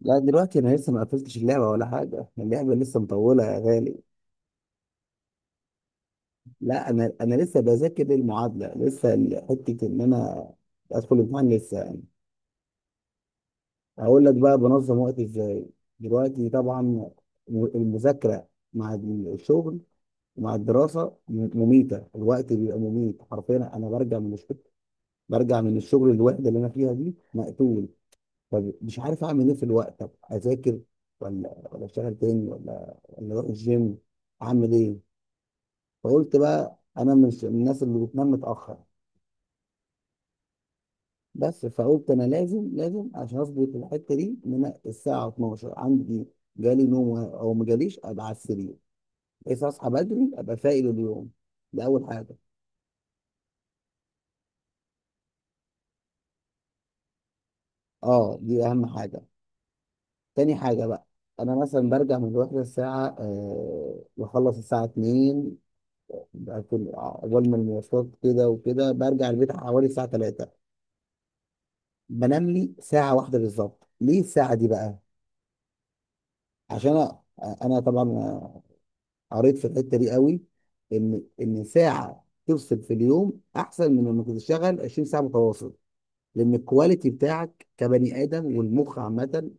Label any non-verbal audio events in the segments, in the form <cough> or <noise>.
لا، دلوقتي انا لسه ما قفلتش اللعبه ولا حاجه. اللعبه لسه مطوله يا غالي. لا، انا لسه بذاكر المعادله. لسه حته ان انا ادخل الامتحان لسه يعني. هقول لك بقى بنظم وقتي ازاي دلوقتي. طبعا المذاكره مع الشغل ومع الدراسه مميته. الوقت بيبقى مميت حرفيا. انا برجع من الشغل الوحده اللي انا فيها دي مقتول. فمش عارف اعمل ايه في الوقت، طب اذاكر ولا اشتغل تاني ولا اروح الجيم؟ اعمل ايه؟ فقلت بقى انا مش من الناس اللي بتنام متاخر. بس فقلت انا لازم عشان اظبط الحته دي ان انا الساعه 12 عندي جالي نوم او ما جاليش ابقى على السرير بحيث اصحى بدري ابقى فايق لليوم. ده اول حاجه. اه، دي اهم حاجه. تاني حاجه بقى، انا مثلا برجع من الوحده الساعه، بخلص الساعه 2، بكون اول ما المواصلات كده وكده برجع البيت حوالي الساعه 3. بنام لي ساعه واحده بالظبط. ليه الساعه دي بقى؟ عشان انا طبعا قريت في الحته دي قوي، ان ساعه تفصل في اليوم احسن من انك تشتغل 20 ساعه متواصل. لان الكواليتي بتاعك كبني ادم والمخ عامه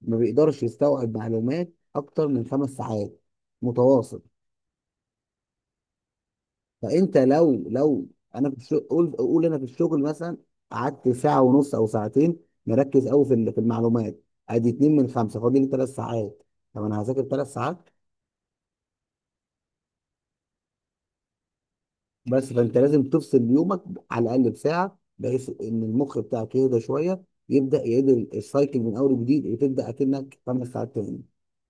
ما بيقدرش يستوعب معلومات اكتر من خمس ساعات متواصل. فانت لو، انا في الشغل، قول انا في الشغل مثلا قعدت ساعه ونص او ساعتين مركز قوي في المعلومات. ادي اتنين من خمسه، فاضل لي ثلاث ساعات. طب انا هذاكر ثلاث ساعات. بس فانت لازم تفصل يومك على الاقل بساعه بحيث ان المخ بتاعك يهدى شويه، يبدا يعيد السايكل من اول وجديد وتبدا اكنك خمس ساعات تاني.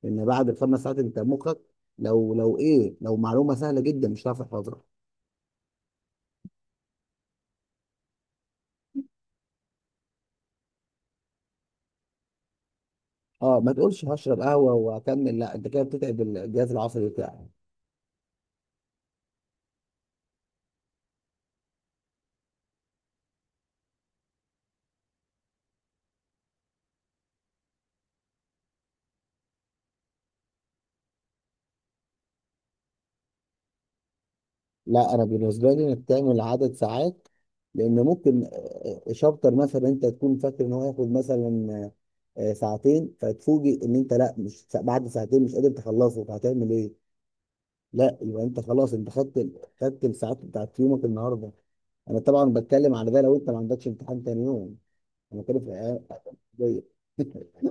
لان بعد الخمس ساعات انت مخك لو ايه، لو معلومه سهله جدا مش هتعرف تحفظها. اه، ما تقولش هشرب قهوه واكمل، لا، انت كده بتتعب الجهاز العصبي بتاعك. لا، انا بالنسبه لي انك تعمل عدد ساعات. لان ممكن شابتر مثلا انت تكون فاكر ان هو ياخد مثلا ساعتين فتفوجئ ان انت لا، مش بعد ساعتين مش قادر تخلصه، فهتعمل ايه؟ لا، يبقى انت خلاص انت خدت، الساعات بتاعت يومك النهارده. انا طبعا بتكلم على ده لو انت ما عندكش امتحان تاني يوم. انا بتكلم في الأيام العادية. <laughs>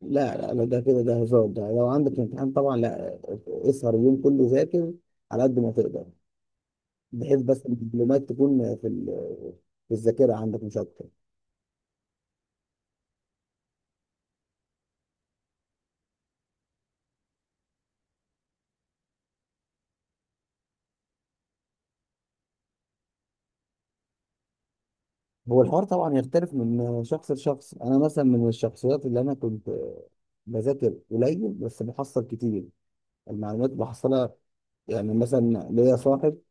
لا، لا، لا، ده كده ده هزار. ده لو عندك امتحان طبعا، لا، اسهر اليوم كله ذاكر على قد ما تقدر، بحيث بس المعلومات تكون في الذاكره عندك، مش اكتر. هو الحوار طبعا يختلف من شخص لشخص. انا مثلا من الشخصيات اللي انا كنت بذاكر قليل بس بحصل كتير، المعلومات بحصلها. يعني مثلا ليا صاحب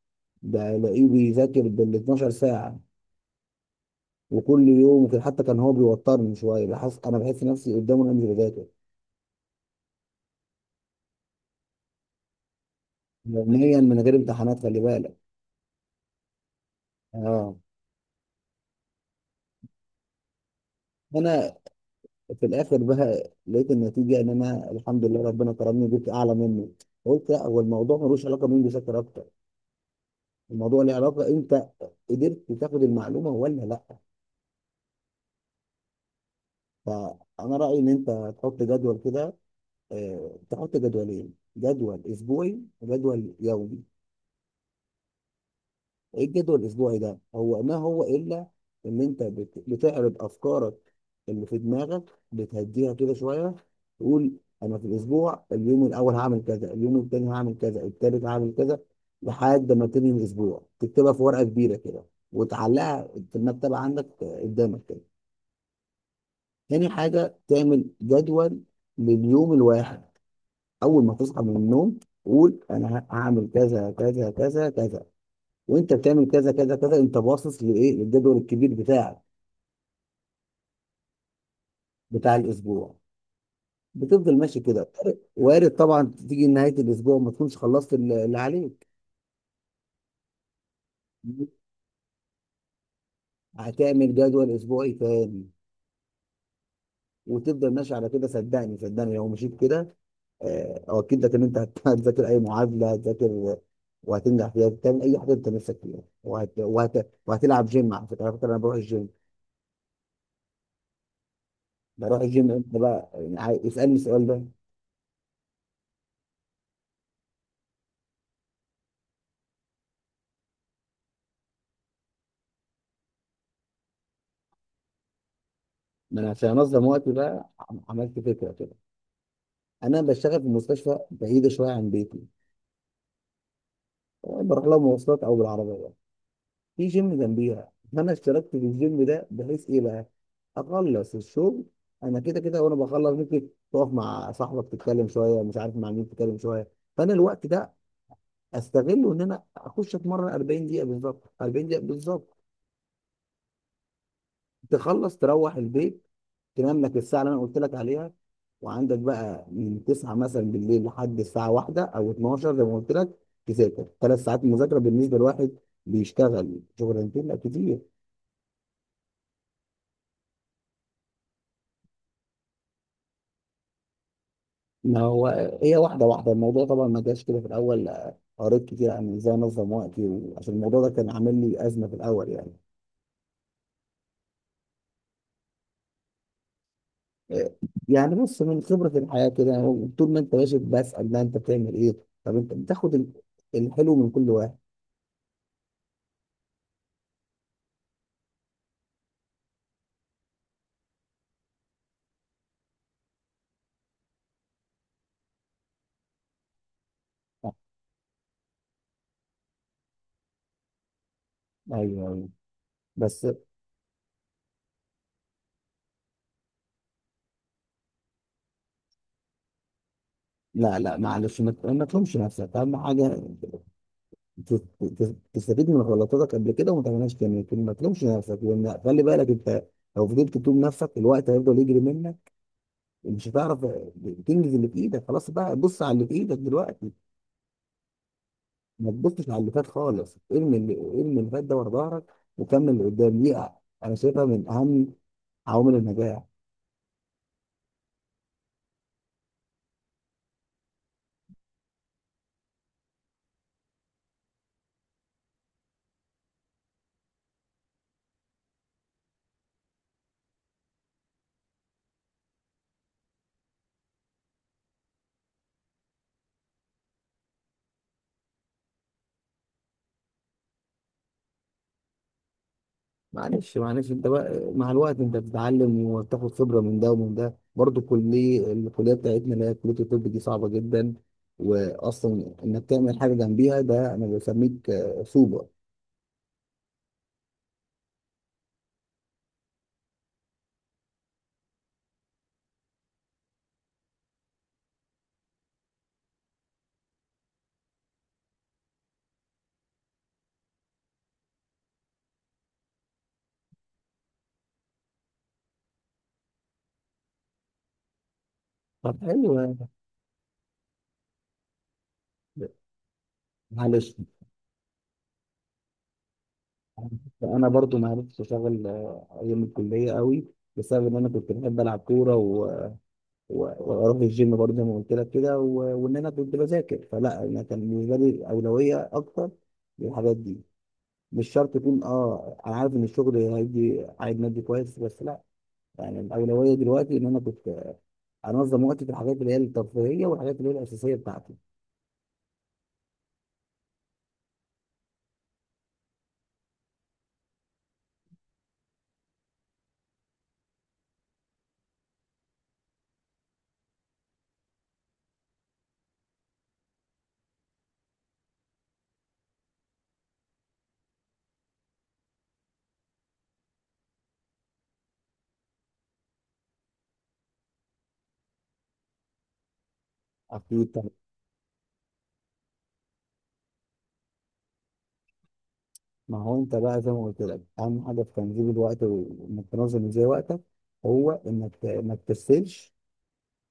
بلاقيه بيذاكر بال 12 ساعة وكل يوم وكده، حتى كان هو بيوترني شوية، بحس أنا بحس نفسي قدامه أنا مش بذاكر يوميا من غير امتحانات خلي بالك. اه. أنا في الآخر بقى لقيت النتيجة إن أنا الحمد لله ربنا كرمني وجبت أعلى منه. قلت لا، هو الموضوع ملوش علاقة مين بيذاكر أكتر، الموضوع له علاقة أنت قدرت تاخد المعلومة ولا لا. فأنا رأيي إن أنت تحط جدول كده، تحط جدولين، جدول اسبوعي وجدول يومي. ايه الجدول الاسبوعي ده؟ هو ما هو الا ان انت بتعرض افكارك اللي في دماغك، بتهديها كده شويه، تقول انا في الاسبوع اليوم الاول هعمل كذا، اليوم التاني هعمل كذا، التالت هعمل كذا، لحد ما تنهي الاسبوع. تكتبها في ورقه كبيره كده وتعلقها في المكتبه عندك، قدامك كده. تاني حاجه تعمل جدول لليوم الواحد. اول ما تصحى من النوم قول انا هعمل كذا كذا كذا كذا، وانت بتعمل كذا كذا كذا انت باصص لايه؟ للجدول الكبير بتاعك بتاع الاسبوع، بتفضل ماشي كده. وارد طبعا تيجي نهايه الاسبوع ما تكونش خلصت اللي عليك، هتعمل جدول اسبوعي تاني وتفضل ماشي على كده. صدقني، صدقني، لو مشيت كده، اؤكد لك ان انت <laughs> هتذاكر اي معادله، هتذاكر وهتنجح فيها، تعمل اي حاجه انت نفسك فيها، وهتلعب جيم. على فكره، انا بروح الجيم. بروح الجيم امتى بقى يعني؟ اسالني السؤال ده. ما انا عشان انظم وقتي بقى عملت فكره كده. انا بشتغل في مستشفى بعيده شويه عن بيتي، بروح لها مواصلات او بالعربيه. في جيم جنبيها، فانا اشتركت في الجيم ده بحيث ايه بقى؟ اخلص الشغل، انا كده كده وانا بخلص ممكن تقف مع صاحبك تتكلم شويه، مش عارف مع مين تتكلم شويه، فانا الوقت ده استغله ان انا اخش اتمرن 40 دقيقه بالظبط، 40 دقيقه بالظبط. تخلص تروح البيت، تنام لك الساعه اللي انا قلت لك عليها، وعندك بقى من 9 مثلا بالليل لحد الساعه 1 او 12 زي ما قلت لك، تذاكر ثلاث ساعات. مذاكره بالنسبه لواحد بيشتغل شغلانتين، لا كتير. ما هو هي واحده واحده، الموضوع طبعا ما جاش كده في الاول. قريت كتير عن ازاي انظم وقتي، وعشان الموضوع ده كان عامل لي ازمه في الاول يعني. آه، يعني بص، من خبره الحياه كده، طول ما انت ماشي بسال ده انت بتعمل ايه. طب انت بتاخد الحلو من كل واحد. ايوه، ايوه، بس لا، لا، معلش، ما تلومش نفسك، اهم حاجه ت- تستفيد من غلطاتك قبل كده وما تعملهاش تاني، لكن ما تلومش نفسك. لان خلي بالك انت لو فضلت تلوم نفسك الوقت هيفضل يجري منك، ومش هتعرف تنجز اللي في ايدك. خلاص بقى بص على اللي في ايدك دلوقتي، ما تبصش على اللي فات خالص. ارمي اللي فات ده ورا ظهرك، وكمل اللي قدام دي. انا شايفها من اهم عوامل النجاح. معلش، معلش، انت بقى مع الوقت انت بتتعلم وبتاخد خبره من ده ومن ده برضه. الكليه بتاعتنا اللي هي كليه الطب دي صعبه جدا، واصلا انك تعمل حاجه جنبيها ده انا بسميك سوبر. طب حلو يعني. معلش، انا برضو ما عرفتش اشتغل ايام الكليه قوي بسبب ان انا كنت بحب العب كوره و- واروح الجيم برضه زي ما قلت لك كده، وان انا كنت بذاكر، فلا، انا كان بالنسبه لي اولويه اكتر للحاجات دي. مش شرط يكون، اه، انا عارف ان الشغل هيدي عائد مادي كويس، بس لا. يعني الاولويه دلوقتي ان انا كنت انظم وقتي في الحاجات اللي هي الترفيهيه والحاجات اللي هي الاساسيه بتاعتي. اكيد طبعا. ما هو انت بقى زي ما قلت لك اهم حاجه في تنظيم الوقت وانك تنظم ازاي وقتك، هو انك ما تكسلش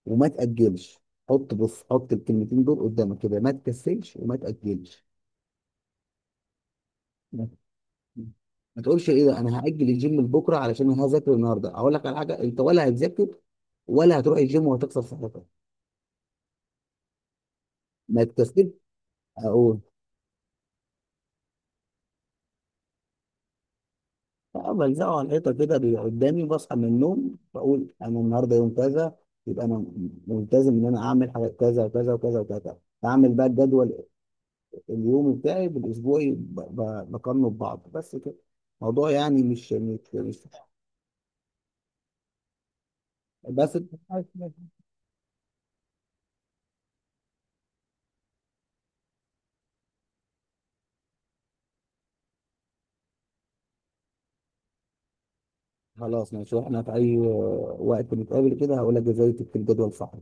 وما تاجلش. حط، بص، حط الكلمتين دول قدامك كده: ما تكسلش وما تاجلش. ما تقولش ايه ده انا هاجل الجيم لبكره علشان انا هذاكر النهارده. اقول لك على حاجه: انت ولا هتذاكر ولا هتروح الجيم وهتكسر صحتك، ما تكسبش. اقول: اه، بلزقه على الحيطه كده بيبقى قدامي، بصحى من النوم بقول انا النهارده يوم كذا، يبقى انا ملتزم ان انا اعمل حاجات كذا وكذا وكذا وكذا. اعمل بقى الجدول اليومي بتاعي بالاسبوعي، بقارنه ببعض، بس كده. الموضوع يعني مش بس خلاص ماشي، واحنا في اي وقت نتقابل كده هقول لك ازاي تكتب جدول صح.